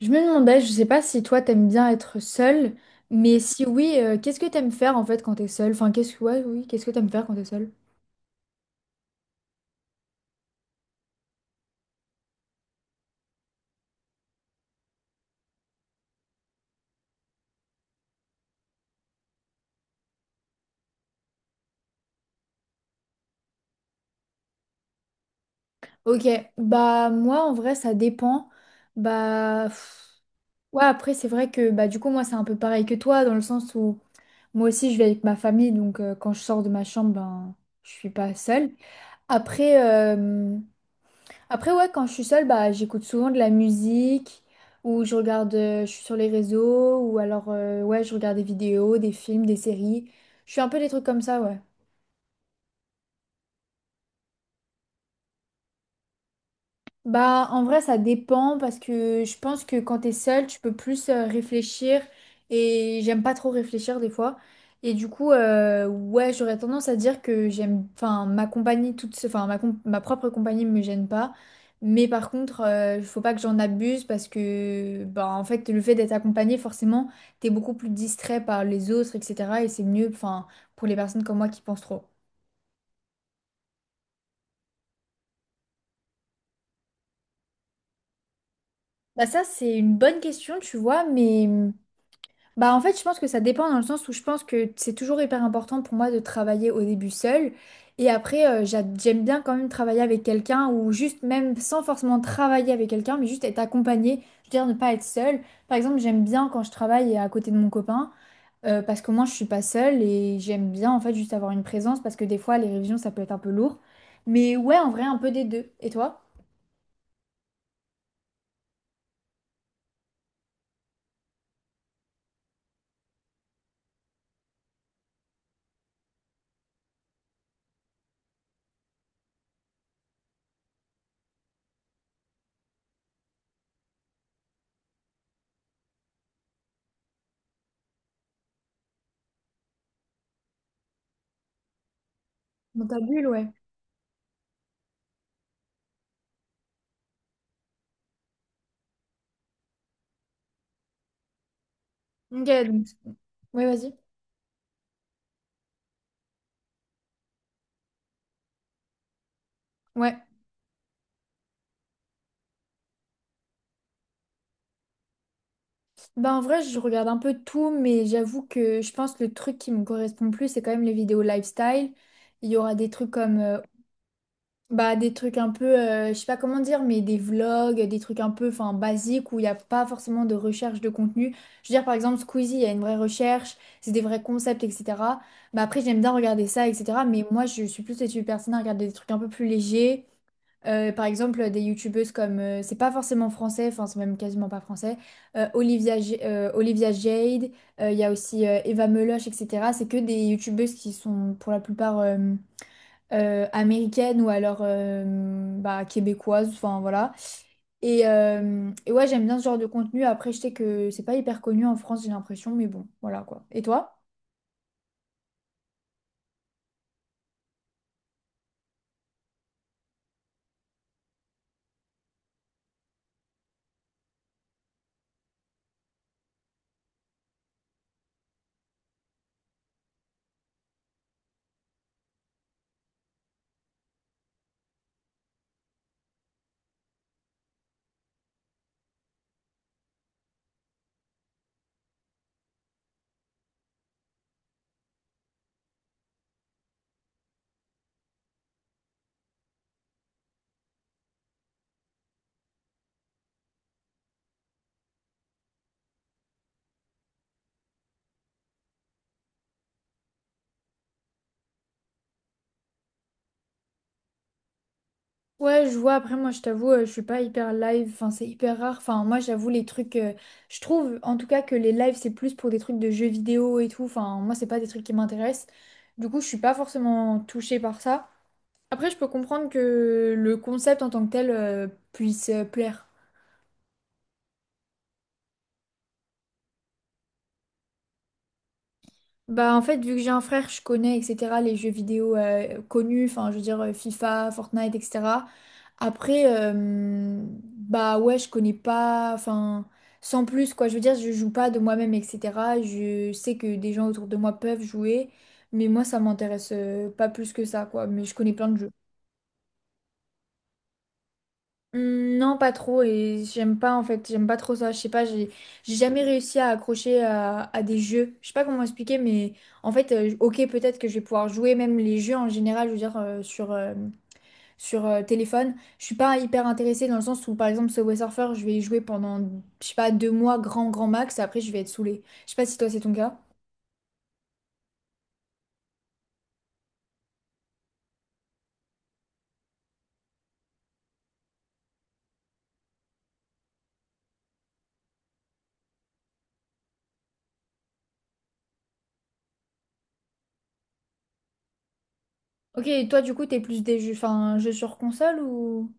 Je me demandais, je sais pas si toi t'aimes bien être seule, mais si oui, qu'est-ce que t'aimes faire en fait quand t'es seule? Enfin, qu'est-ce que t'aimes faire quand t'es seule? Ok, bah moi en vrai ça dépend. Bah ouais, après c'est vrai que bah du coup moi c'est un peu pareil que toi dans le sens où moi aussi je vis avec ma famille donc quand je sors de ma chambre ben je suis pas seule. Après euh, Après, ouais, quand je suis seule, bah, j'écoute souvent de la musique ou je suis sur les réseaux ou alors, ouais, je regarde des vidéos, des films, des séries. Je fais un peu des trucs comme ça, ouais. Bah, en vrai, ça dépend parce que je pense que quand t'es seule, tu peux plus réfléchir et j'aime pas trop réfléchir des fois. Et du coup, ouais, j'aurais tendance à dire que j'aime, enfin, ma compagnie enfin, ma propre compagnie me gêne pas. Mais par contre, faut pas que j'en abuse parce que, bah, en fait, le fait d'être accompagné, forcément, t'es beaucoup plus distrait par les autres, etc. Et c'est mieux, enfin, pour les personnes comme moi qui pensent trop. Bah, ça, c'est une bonne question, tu vois, mais, bah en fait, je pense que ça dépend dans le sens où je pense que c'est toujours hyper important pour moi de travailler au début seule. Et après, j'aime bien quand même travailler avec quelqu'un ou juste même sans forcément travailler avec quelqu'un, mais juste être accompagnée, je veux dire ne pas être seule. Par exemple, j'aime bien quand je travaille à côté de mon copain parce qu'au moins je suis pas seule et j'aime bien en fait juste avoir une présence parce que des fois les révisions ça peut être un peu lourd. Mais ouais, en vrai, un peu des deux. Et toi? Dans ta bulle, ouais. Ok, donc. Ouais, vas-y. Ouais. Bah en vrai, je regarde un peu tout, mais j'avoue que je pense que le truc qui me correspond le plus, c'est quand même les vidéos lifestyle. Il y aura des trucs comme, bah, des trucs un peu, je sais pas comment dire, mais des vlogs, des trucs un peu, enfin, basiques où il n'y a pas forcément de recherche de contenu. Je veux dire, par exemple, Squeezie, il y a une vraie recherche, c'est des vrais concepts, etc. Bah après, j'aime bien regarder ça, etc. Mais moi, je suis plus cette personne à regarder des trucs un peu plus légers. Par exemple, des youtubeuses comme, c'est pas forcément français, enfin c'est même quasiment pas français, Olivia Jade, il y a aussi Eva Meloche, etc. C'est que des youtubeuses qui sont pour la plupart américaines ou alors bah, québécoises, enfin voilà. Et ouais, j'aime bien ce genre de contenu. Après, je sais que c'est pas hyper connu en France, j'ai l'impression, mais bon, voilà quoi. Et toi? Ouais, je vois. Après, moi, je t'avoue, je suis pas hyper live. Enfin, c'est hyper rare. Enfin, moi, j'avoue, les trucs. Je trouve, en tout cas, que les lives, c'est plus pour des trucs de jeux vidéo et tout. Enfin, moi, c'est pas des trucs qui m'intéressent. Du coup, je suis pas forcément touchée par ça. Après, je peux comprendre que le concept en tant que tel, puisse plaire. Bah en fait, vu que j'ai un frère, je connais, etc., les jeux vidéo connus, enfin je veux dire FIFA, Fortnite, etc. Après, bah ouais, je connais pas, enfin sans plus quoi, je veux dire, je joue pas de moi-même, etc. Je sais que des gens autour de moi peuvent jouer, mais moi ça m'intéresse pas plus que ça quoi, mais je connais plein de jeux. Hmm. Non, pas trop et j'aime pas en fait, j'aime pas trop ça. Je sais pas, j'ai jamais réussi à accrocher à des jeux. Je sais pas comment expliquer, mais en fait, ok, peut-être que je vais pouvoir jouer même les jeux en général, je veux dire sur téléphone. Je suis pas hyper intéressée dans le sens où par exemple Subway Surfer, je vais y jouer pendant je sais pas 2 mois grand grand max et après je vais être saoulée. Je sais pas si toi c'est ton cas. Ok, et toi du coup t'es plus des jeux, enfin jeux sur console ou?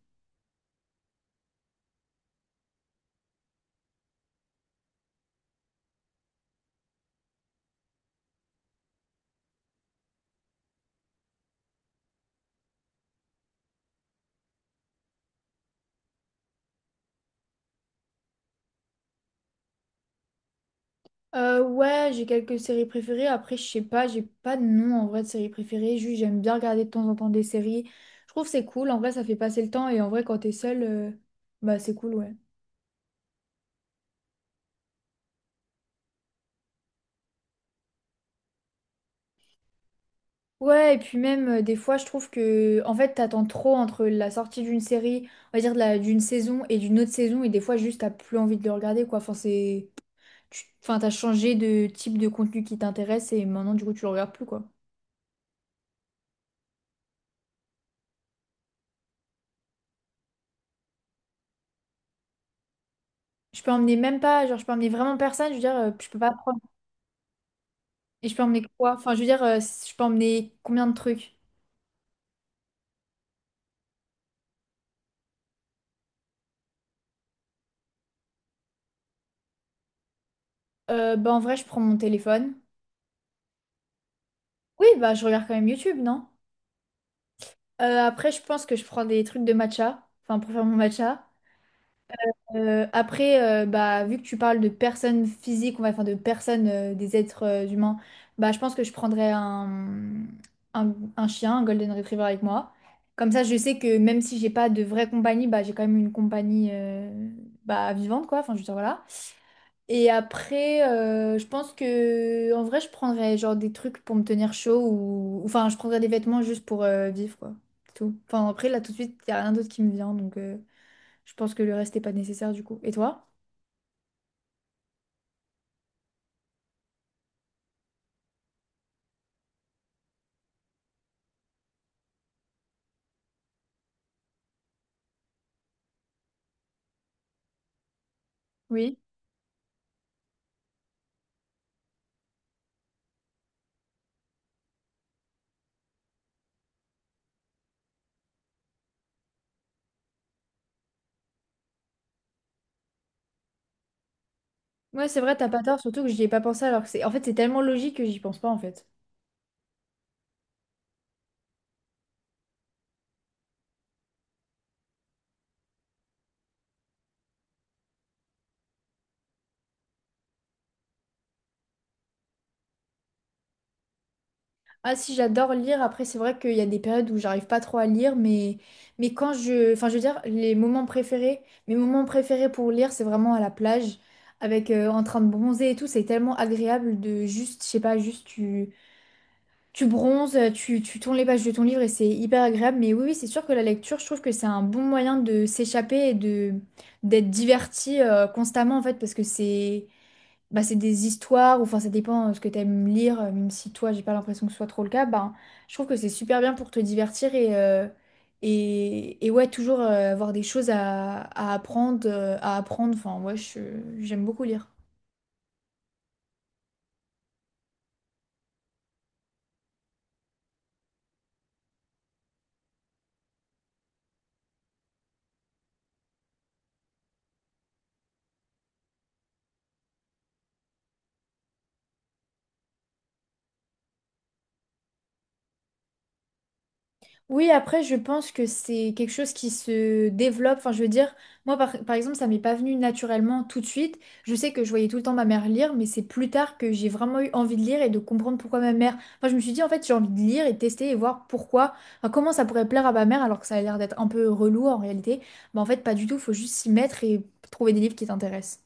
Ouais, j'ai quelques séries préférées. Après, je sais pas, j'ai pas de nom en vrai de séries préférées. Juste, j'aime bien regarder de temps en temps des séries. Je trouve que c'est cool. En vrai, ça fait passer le temps. Et en vrai, quand t'es seule, bah c'est cool, ouais. Ouais, et puis même, des fois, je trouve que, en fait, t'attends trop entre la sortie d'une série, on va dire d'une saison et d'une autre saison. Et des fois, juste, t'as plus envie de le regarder, quoi. Enfin, enfin, t'as changé de type de contenu qui t'intéresse et maintenant, du coup, tu le regardes plus, quoi. Je peux emmener même pas, genre, je peux emmener vraiment personne. Je veux dire, je peux pas. Et je peux emmener quoi? Enfin, je veux dire, je peux emmener combien de trucs? Bah, en vrai, je prends mon téléphone. Oui, bah, je regarde quand même YouTube, non? Après, je pense que je prends des trucs de matcha, enfin, pour faire mon matcha. Bah, vu que tu parles de personnes physiques, on va enfin, de personnes, des êtres humains, bah, je pense que je prendrais un chien, un Golden Retriever avec moi. Comme ça, je sais que même si j'ai pas de vraie compagnie, bah, j'ai quand même une compagnie bah, vivante, quoi. Enfin, je veux dire, voilà. Et après, je pense que en vrai, je prendrais genre des trucs pour me tenir chaud ou enfin, je prendrais des vêtements juste pour vivre quoi. C'est tout. Enfin, après, là tout de suite, il y a rien d'autre qui me vient donc je pense que le reste n'est pas nécessaire du coup. Et toi? Oui. Ouais, c'est vrai, t'as pas tort, surtout que j'y ai pas pensé alors que c'est tellement logique que j'y pense pas en fait. Ah si, j'adore lire. Après, c'est vrai qu'il y a des périodes où j'arrive pas trop à lire, mais enfin, je veux dire, mes moments préférés pour lire, c'est vraiment à la plage, avec en train de bronzer et tout. C'est tellement agréable de juste, je sais pas, juste tu bronzes, tu tournes les pages de ton livre et c'est hyper agréable. Mais oui, oui, c'est sûr que la lecture, je trouve que c'est un bon moyen de s'échapper et de d'être diverti constamment, en fait, parce que c'est bah, c'est des histoires, ou enfin ça dépend ce que tu aimes lire, même si toi j'ai pas l'impression que ce soit trop le cas, bah, je trouve que c'est super bien pour te divertir et ouais, toujours avoir des choses à apprendre, enfin ouais, j'aime beaucoup lire. Oui, après, je pense que c'est quelque chose qui se développe. Enfin, je veux dire, moi, par exemple, ça m'est pas venu naturellement tout de suite. Je sais que je voyais tout le temps ma mère lire, mais c'est plus tard que j'ai vraiment eu envie de lire et de comprendre pourquoi ma mère. Enfin, je me suis dit, en fait, j'ai envie de lire et de tester et voir pourquoi, enfin, comment ça pourrait plaire à ma mère, alors que ça a l'air d'être un peu relou en réalité. Mais en fait, pas du tout. Faut juste s'y mettre et trouver des livres qui t'intéressent.